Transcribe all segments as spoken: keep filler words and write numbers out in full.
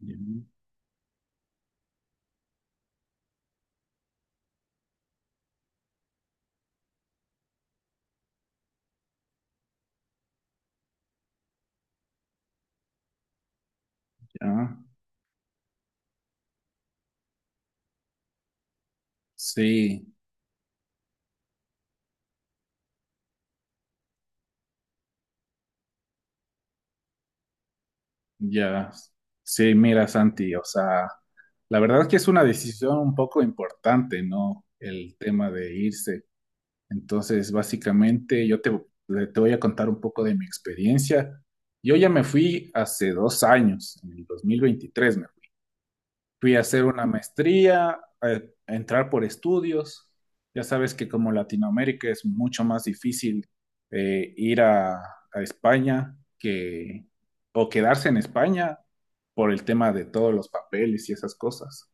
Ya, ya. sí, ya. Sí, mira, Santi, o sea, la verdad es que es una decisión un poco importante, ¿no? El tema de irse. Entonces, básicamente, yo te, te voy a contar un poco de mi experiencia. Yo ya me fui hace dos años, en el dos mil veintitrés, fui a hacer una maestría, eh, a entrar por estudios. Ya sabes que como Latinoamérica es mucho más difícil eh, ir a, a España que, o quedarse en España por el tema de todos los papeles y esas cosas.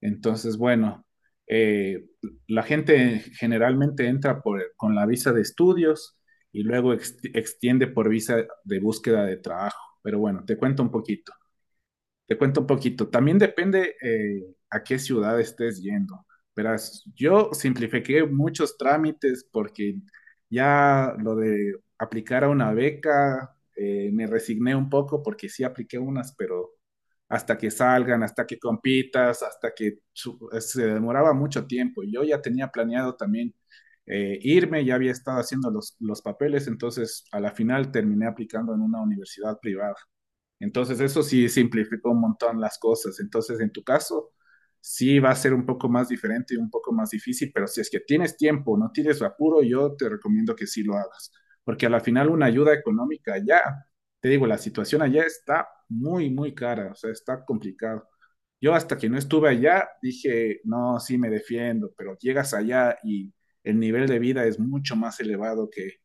Entonces, bueno, eh, la gente generalmente entra por- con la visa de estudios y luego ex- extiende por visa de búsqueda de trabajo. Pero bueno, te cuento un poquito. Te cuento un poquito. También depende eh, a qué ciudad estés yendo. Verás, yo simplifiqué muchos trámites porque ya lo de aplicar a una beca, eh, me resigné un poco porque sí apliqué unas, pero hasta que salgan, hasta que compitas, hasta que su- se demoraba mucho tiempo. Yo ya tenía planeado también eh, irme, ya había estado haciendo los, los papeles, entonces a la final terminé aplicando en una universidad privada. Entonces, eso sí simplificó un montón las cosas. Entonces, en tu caso, sí va a ser un poco más diferente y un poco más difícil, pero si es que tienes tiempo, no tienes apuro, yo te recomiendo que sí lo hagas, porque a la final una ayuda económica allá, te digo, la situación allá está muy, muy cara, o sea, está complicado. Yo hasta que no estuve allá dije, no, sí me defiendo, pero llegas allá y el nivel de vida es mucho más elevado que,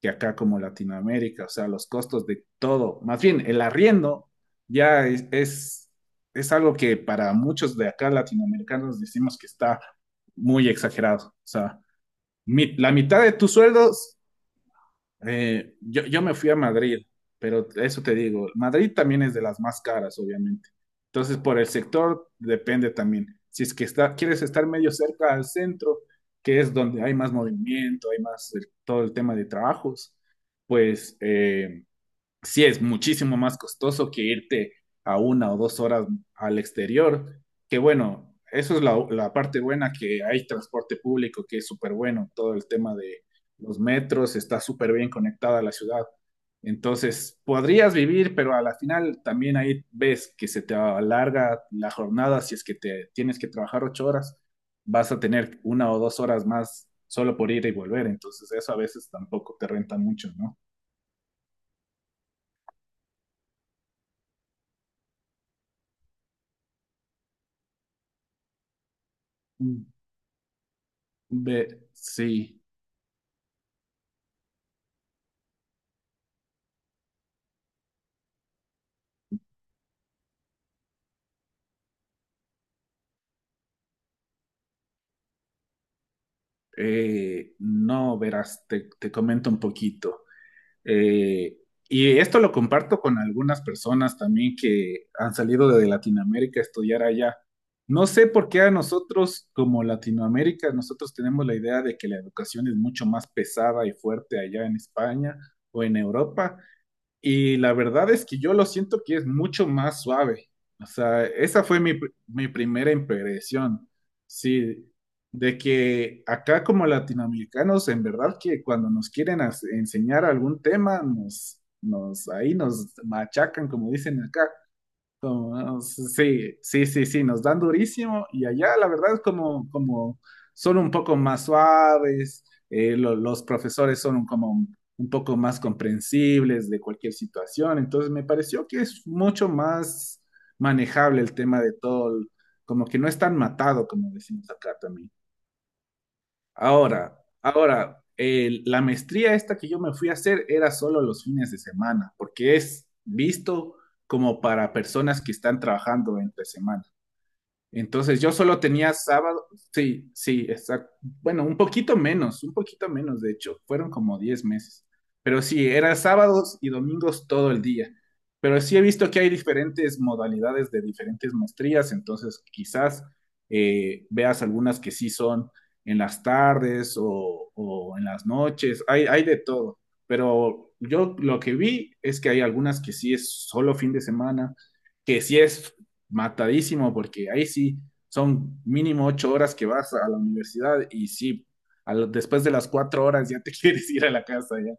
que acá como Latinoamérica, o sea, los costos de todo, más bien el arriendo ya es, es, es algo que para muchos de acá latinoamericanos decimos que está muy exagerado, o sea, mi, la mitad de tus sueldos eh, yo, yo me fui a Madrid, pero eso te digo, Madrid también es de las más caras, obviamente. Entonces, por el sector depende también. Si es que está, quieres estar medio cerca al centro, que es donde hay más movimiento, hay más el- todo el tema de trabajos, pues eh, sí es muchísimo más costoso que irte a una o dos horas al exterior, que bueno, eso es la, la parte buena, que hay transporte público, que es súper bueno, todo el tema de los metros, está súper bien conectada a la ciudad. Entonces, podrías vivir, pero a la final también ahí ves que se te alarga la jornada, si es que te tienes que trabajar ocho horas, vas a tener una o dos horas más solo por ir y volver, entonces eso a veces tampoco te renta mucho, ¿no? Ve, sí, eh, no, verás, te, te comento un poquito. Eh, y esto lo comparto con algunas personas también que han salido de Latinoamérica a estudiar allá. No sé por qué a nosotros, como Latinoamérica, nosotros tenemos la idea de que la educación es mucho más pesada y fuerte allá en España o en Europa. Y la verdad es que yo lo siento que es mucho más suave. O sea, esa fue mi, pr- mi primera impresión. Sí, de que acá como latinoamericanos, en verdad que cuando nos quieren as- enseñar algún tema, nos, nos, ahí nos machacan, como dicen acá. Como, sí, sí, sí, sí, nos dan durísimo y allá la verdad es como, como son un poco más suaves, eh, lo- los profesores son un- como un, un poco más comprensibles de cualquier situación, entonces me pareció que es mucho más manejable el tema de todo, el- como que no es tan matado como decimos acá también. Ahora, ahora, el- la maestría esta que yo me fui a hacer era solo los fines de semana, porque es visto como para personas que están trabajando entre semana. Entonces yo solo tenía sábado, sí, sí, exacto. Bueno, un poquito menos, un poquito menos, de hecho, fueron como diez meses. Pero sí, era sábados y domingos todo el día. Pero sí he visto que hay diferentes modalidades de diferentes maestrías, entonces quizás eh, veas algunas que sí son en las tardes o, o en las noches, hay, hay de todo. Pero yo lo que vi es que hay algunas que sí es solo fin de semana que sí es matadísimo, porque ahí sí son mínimo ocho horas que vas a la universidad y sí, a lo- después de las cuatro horas ya te quieres ir a la casa ya.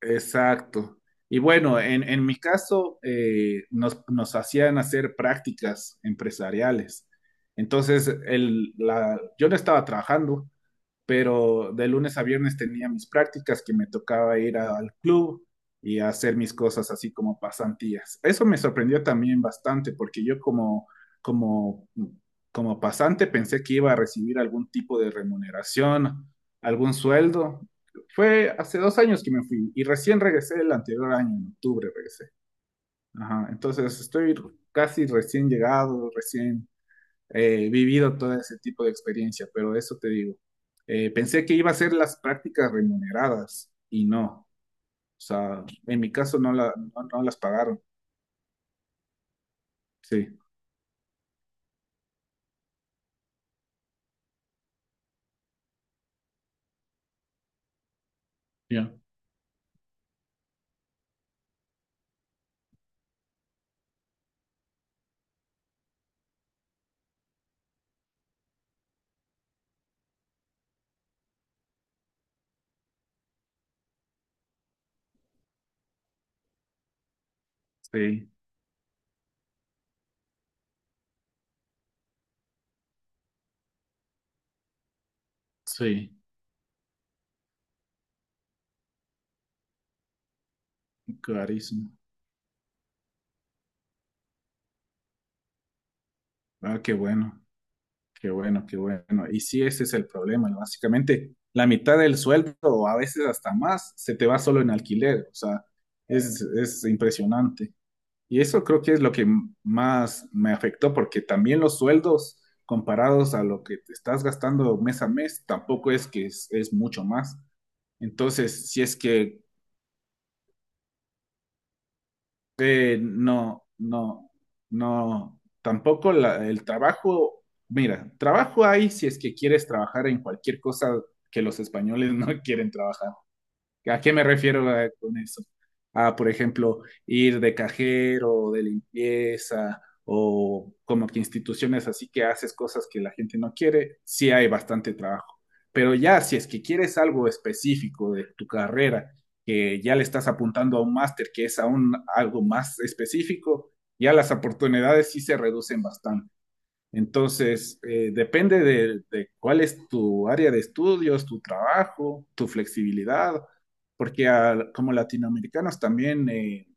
Exacto. Y bueno, en, en mi caso, eh, nos, nos hacían hacer prácticas empresariales. Entonces, el, la, yo no estaba trabajando, pero de lunes a viernes tenía mis prácticas que me tocaba ir a- al club y hacer mis cosas así como pasantías. Eso me sorprendió también bastante porque yo como, como, como pasante pensé que iba a recibir algún tipo de remuneración, algún sueldo. Fue hace dos años que me fui y recién regresé el anterior año, en octubre regresé. Ajá, entonces estoy casi recién llegado, recién eh, vivido todo ese tipo de experiencia, pero eso te digo. Eh, pensé que iba a ser las prácticas remuneradas y no. O sea, en mi caso no, la, no, no las pagaron. Sí, ya, sí, sí, clarísimo. Ah, qué bueno, qué bueno, qué bueno. Y sí, ese es el problema, ¿no? Básicamente, la mitad del sueldo, o a veces hasta más, se te va solo en alquiler. O sea, es, es impresionante. Y eso creo que es lo que más me afectó, porque también los sueldos comparados a lo que te estás gastando mes a mes, tampoco es que es, es mucho más. Entonces, si es que eh, no, no, no, tampoco la- el trabajo, mira, trabajo hay si es que quieres trabajar en cualquier cosa que los españoles no quieren trabajar. ¿A qué me refiero eh, con eso? A, por ejemplo, ir de cajero, de limpieza, o como que instituciones así que haces cosas que la gente no quiere, sí hay bastante trabajo. Pero ya, si es que quieres algo específico de tu carrera, que ya le estás apuntando a un máster, que es aún algo más específico, ya las oportunidades sí se reducen bastante. Entonces, eh, depende de, de cuál es tu área de estudios, tu trabajo, tu flexibilidad, porque al- como latinoamericanos también, eh,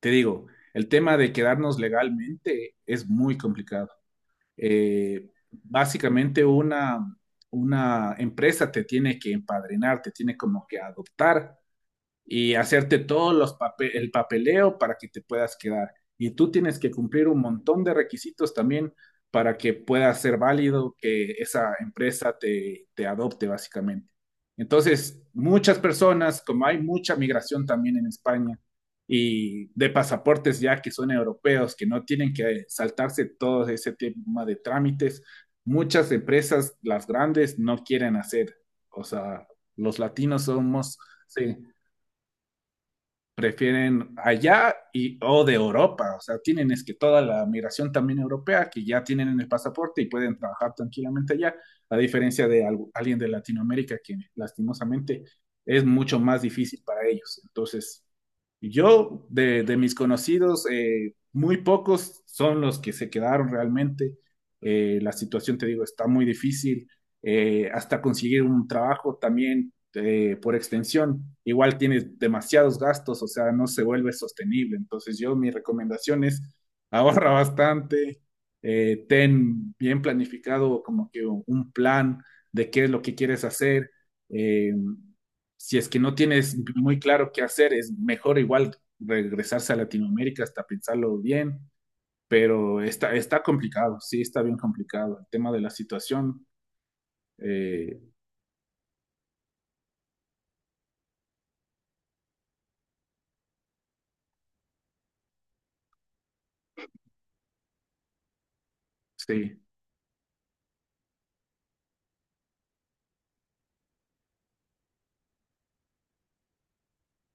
te digo, el tema de quedarnos legalmente es muy complicado. Eh, básicamente una, una empresa te tiene que empadrinar, te tiene como que adoptar y hacerte todo los pape- el papeleo para que te puedas quedar. Y tú tienes que cumplir un montón de requisitos también para que pueda ser válido que esa empresa te, te adopte básicamente. Entonces, muchas personas, como hay mucha migración también en España y de pasaportes ya que son europeos, que no tienen que saltarse todo ese tema de trámites, muchas empresas, las grandes, no quieren hacer. O sea, los latinos somos... Sí, prefieren allá y o de Europa, o sea, tienen es que toda la migración también europea que ya tienen en el pasaporte y pueden trabajar tranquilamente allá, a diferencia de algo- alguien de Latinoamérica que lastimosamente es mucho más difícil para ellos. Entonces, yo de, de mis conocidos, eh, muy pocos son los que se quedaron realmente. Eh, la situación, te digo, está muy difícil. Eh, hasta conseguir un trabajo también eh, por extensión, igual tienes demasiados gastos, o sea, no se vuelve sostenible. Entonces yo mi recomendación es ahorra bastante, eh, ten bien planificado como que un plan de qué es lo que quieres hacer. Eh, si es que no tienes muy claro qué hacer, es mejor igual regresarse a Latinoamérica hasta pensarlo bien, pero está, está complicado, sí, está bien complicado. El tema de la situación, eh, sí.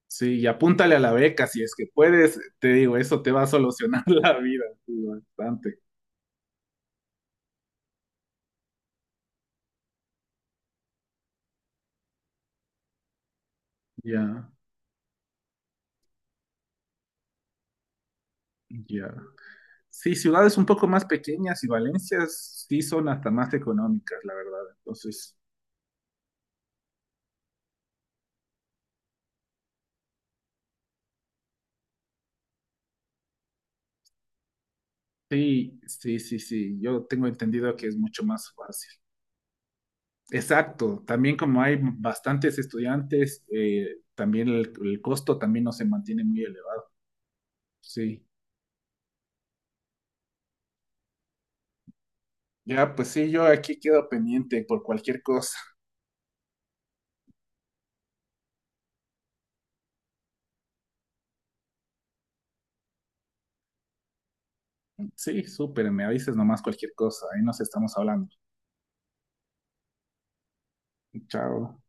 Sí, y apúntale a la beca si es que puedes, te digo, eso te va a solucionar la vida, sí, bastante. Ya, ya. Sí, ciudades un poco más pequeñas y Valencias sí son hasta más económicas, la verdad. Entonces, sí, sí, sí, sí, yo tengo entendido que es mucho más fácil. Exacto, también como hay bastantes estudiantes, eh, también el, el costo también no se mantiene muy elevado. Sí, ya, pues sí, yo aquí quedo pendiente por cualquier cosa. Sí, súper, me avises nomás cualquier cosa, ahí nos estamos hablando. Chao.